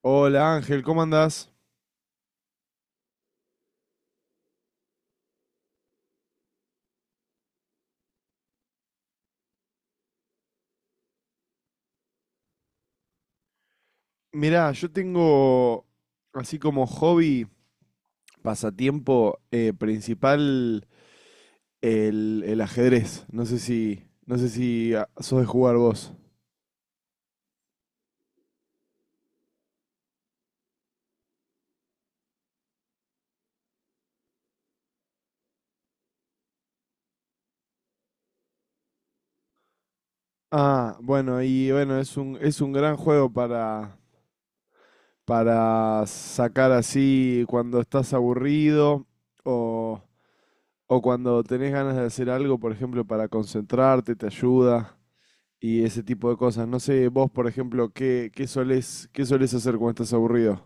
Hola Ángel, ¿cómo andás? Mirá, yo tengo así como hobby, pasatiempo principal el ajedrez. No sé si sos de jugar vos. Ah, bueno, y bueno, es un gran juego para sacar así cuando estás aburrido o, o cuando tenés ganas de hacer algo, por ejemplo, para concentrarte, te ayuda. Y ese tipo de cosas. No sé, vos, por ejemplo, ¿qué qué solés hacer cuando estás aburrido?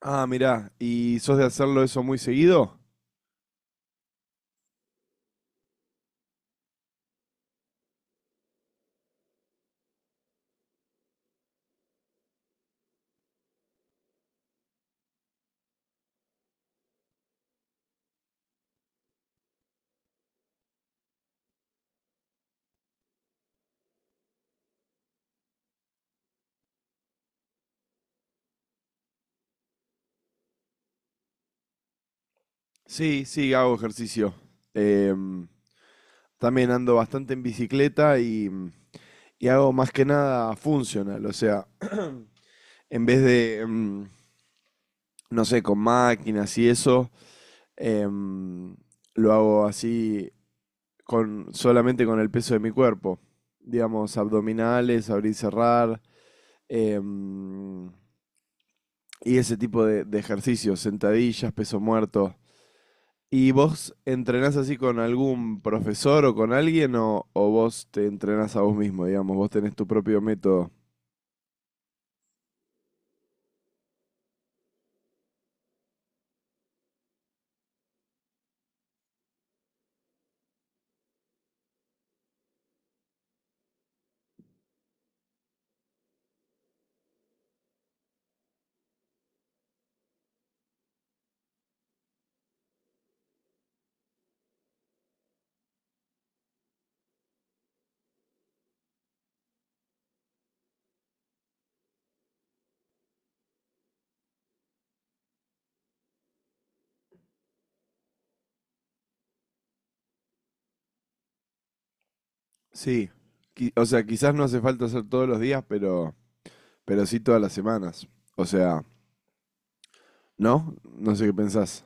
Ah, mirá, ¿y sos de hacerlo eso muy seguido? Sí, sí, hago ejercicio. Em, También ando bastante en bicicleta y y hago más que nada funcional, o sea, en vez de, no sé, con máquinas y eso, em, lo hago así con, solamente con el peso de mi cuerpo. Digamos, abdominales, abrir y cerrar. em, y ese tipo de ejercicios, sentadillas, peso muerto. ¿Y vos entrenás así con algún profesor o con alguien o vos te entrenás a vos mismo, digamos? Vos tenés tu propio método. Sí. O sea, quizás no hace falta hacer todos los días, pero sí todas las semanas. O sea, ¿no? No sé qué pensás.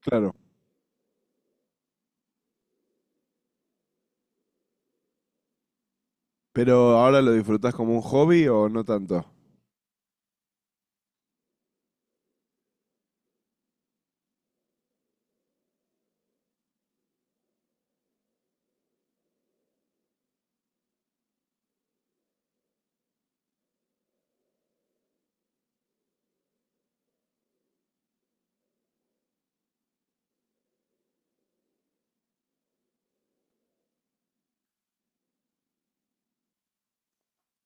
Claro. Pero ahora lo disfrutás como un hobby o no tanto.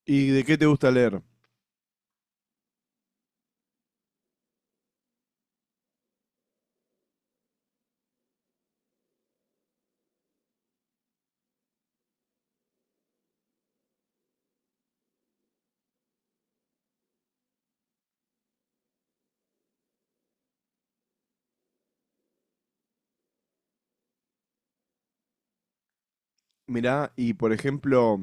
¿Y de qué te gusta leer? Mirá, y por ejemplo,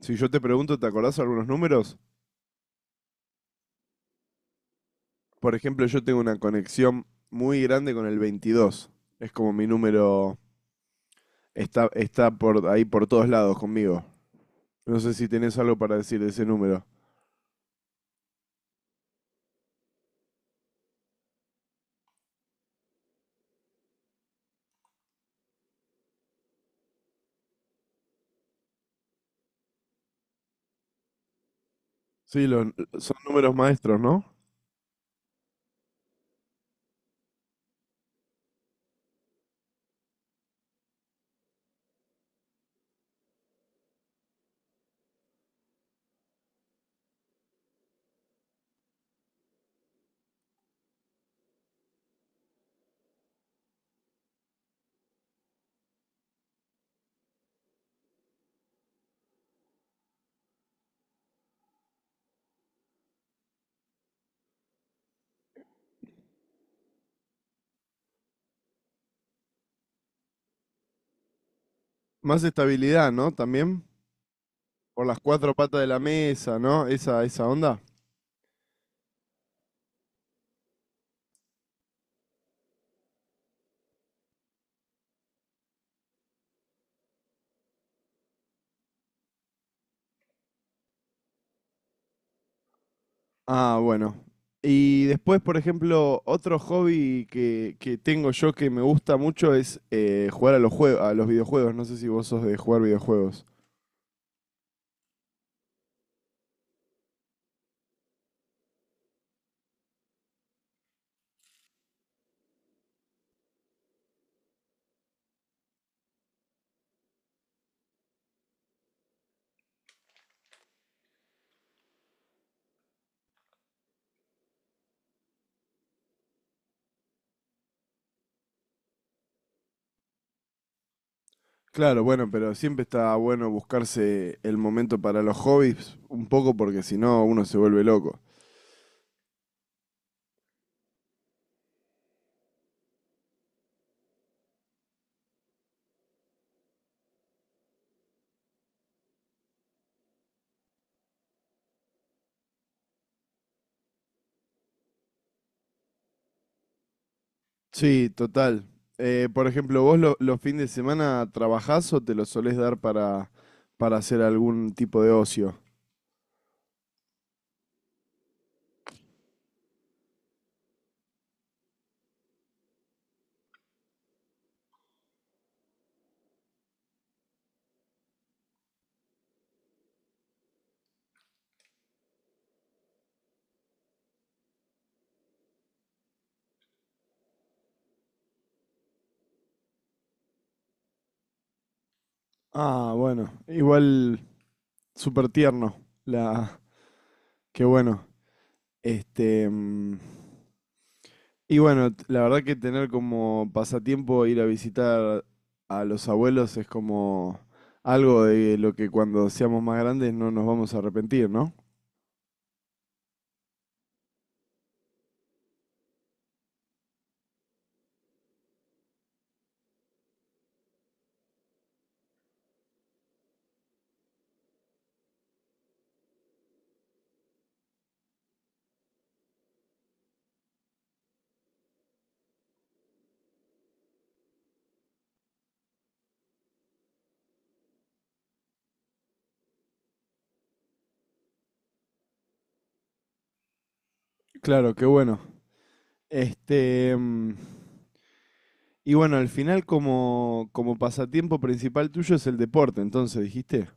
si yo te pregunto, ¿te acordás algunos números? Por ejemplo, yo tengo una conexión muy grande con el 22. Es como mi número, está, está por ahí por todos lados conmigo. No sé si tenés algo para decir de ese número. Sí, los- Son números maestros, ¿no? Más estabilidad, ¿no? También por las 4 patas de la mesa, ¿no? Esa onda. Ah, bueno. Y después, por ejemplo, otro hobby que tengo yo que me gusta mucho es jugar a los a los videojuegos. No sé si vos sos de jugar videojuegos. Claro, bueno, pero siempre está bueno buscarse el momento para los hobbies, un poco porque si no uno se vuelve loco. Sí, total. Por ejemplo, ¿ los fines de semana trabajás o te los solés dar para hacer algún tipo de ocio? Ah, bueno, igual súper tierno. La, qué bueno. Este, mm, y bueno, la verdad que tener como pasatiempo ir a visitar a los abuelos es como algo de lo que cuando seamos más grandes no nos vamos a arrepentir, ¿no? Claro, qué bueno. Este, mm, y bueno, al final como, como pasatiempo principal tuyo es el deporte, entonces dijiste.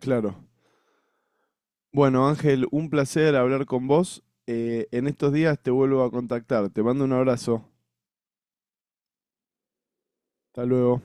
Claro. Bueno, Ángel, un placer hablar con vos. En estos días te vuelvo a contactar. Te mando un abrazo. Hasta luego.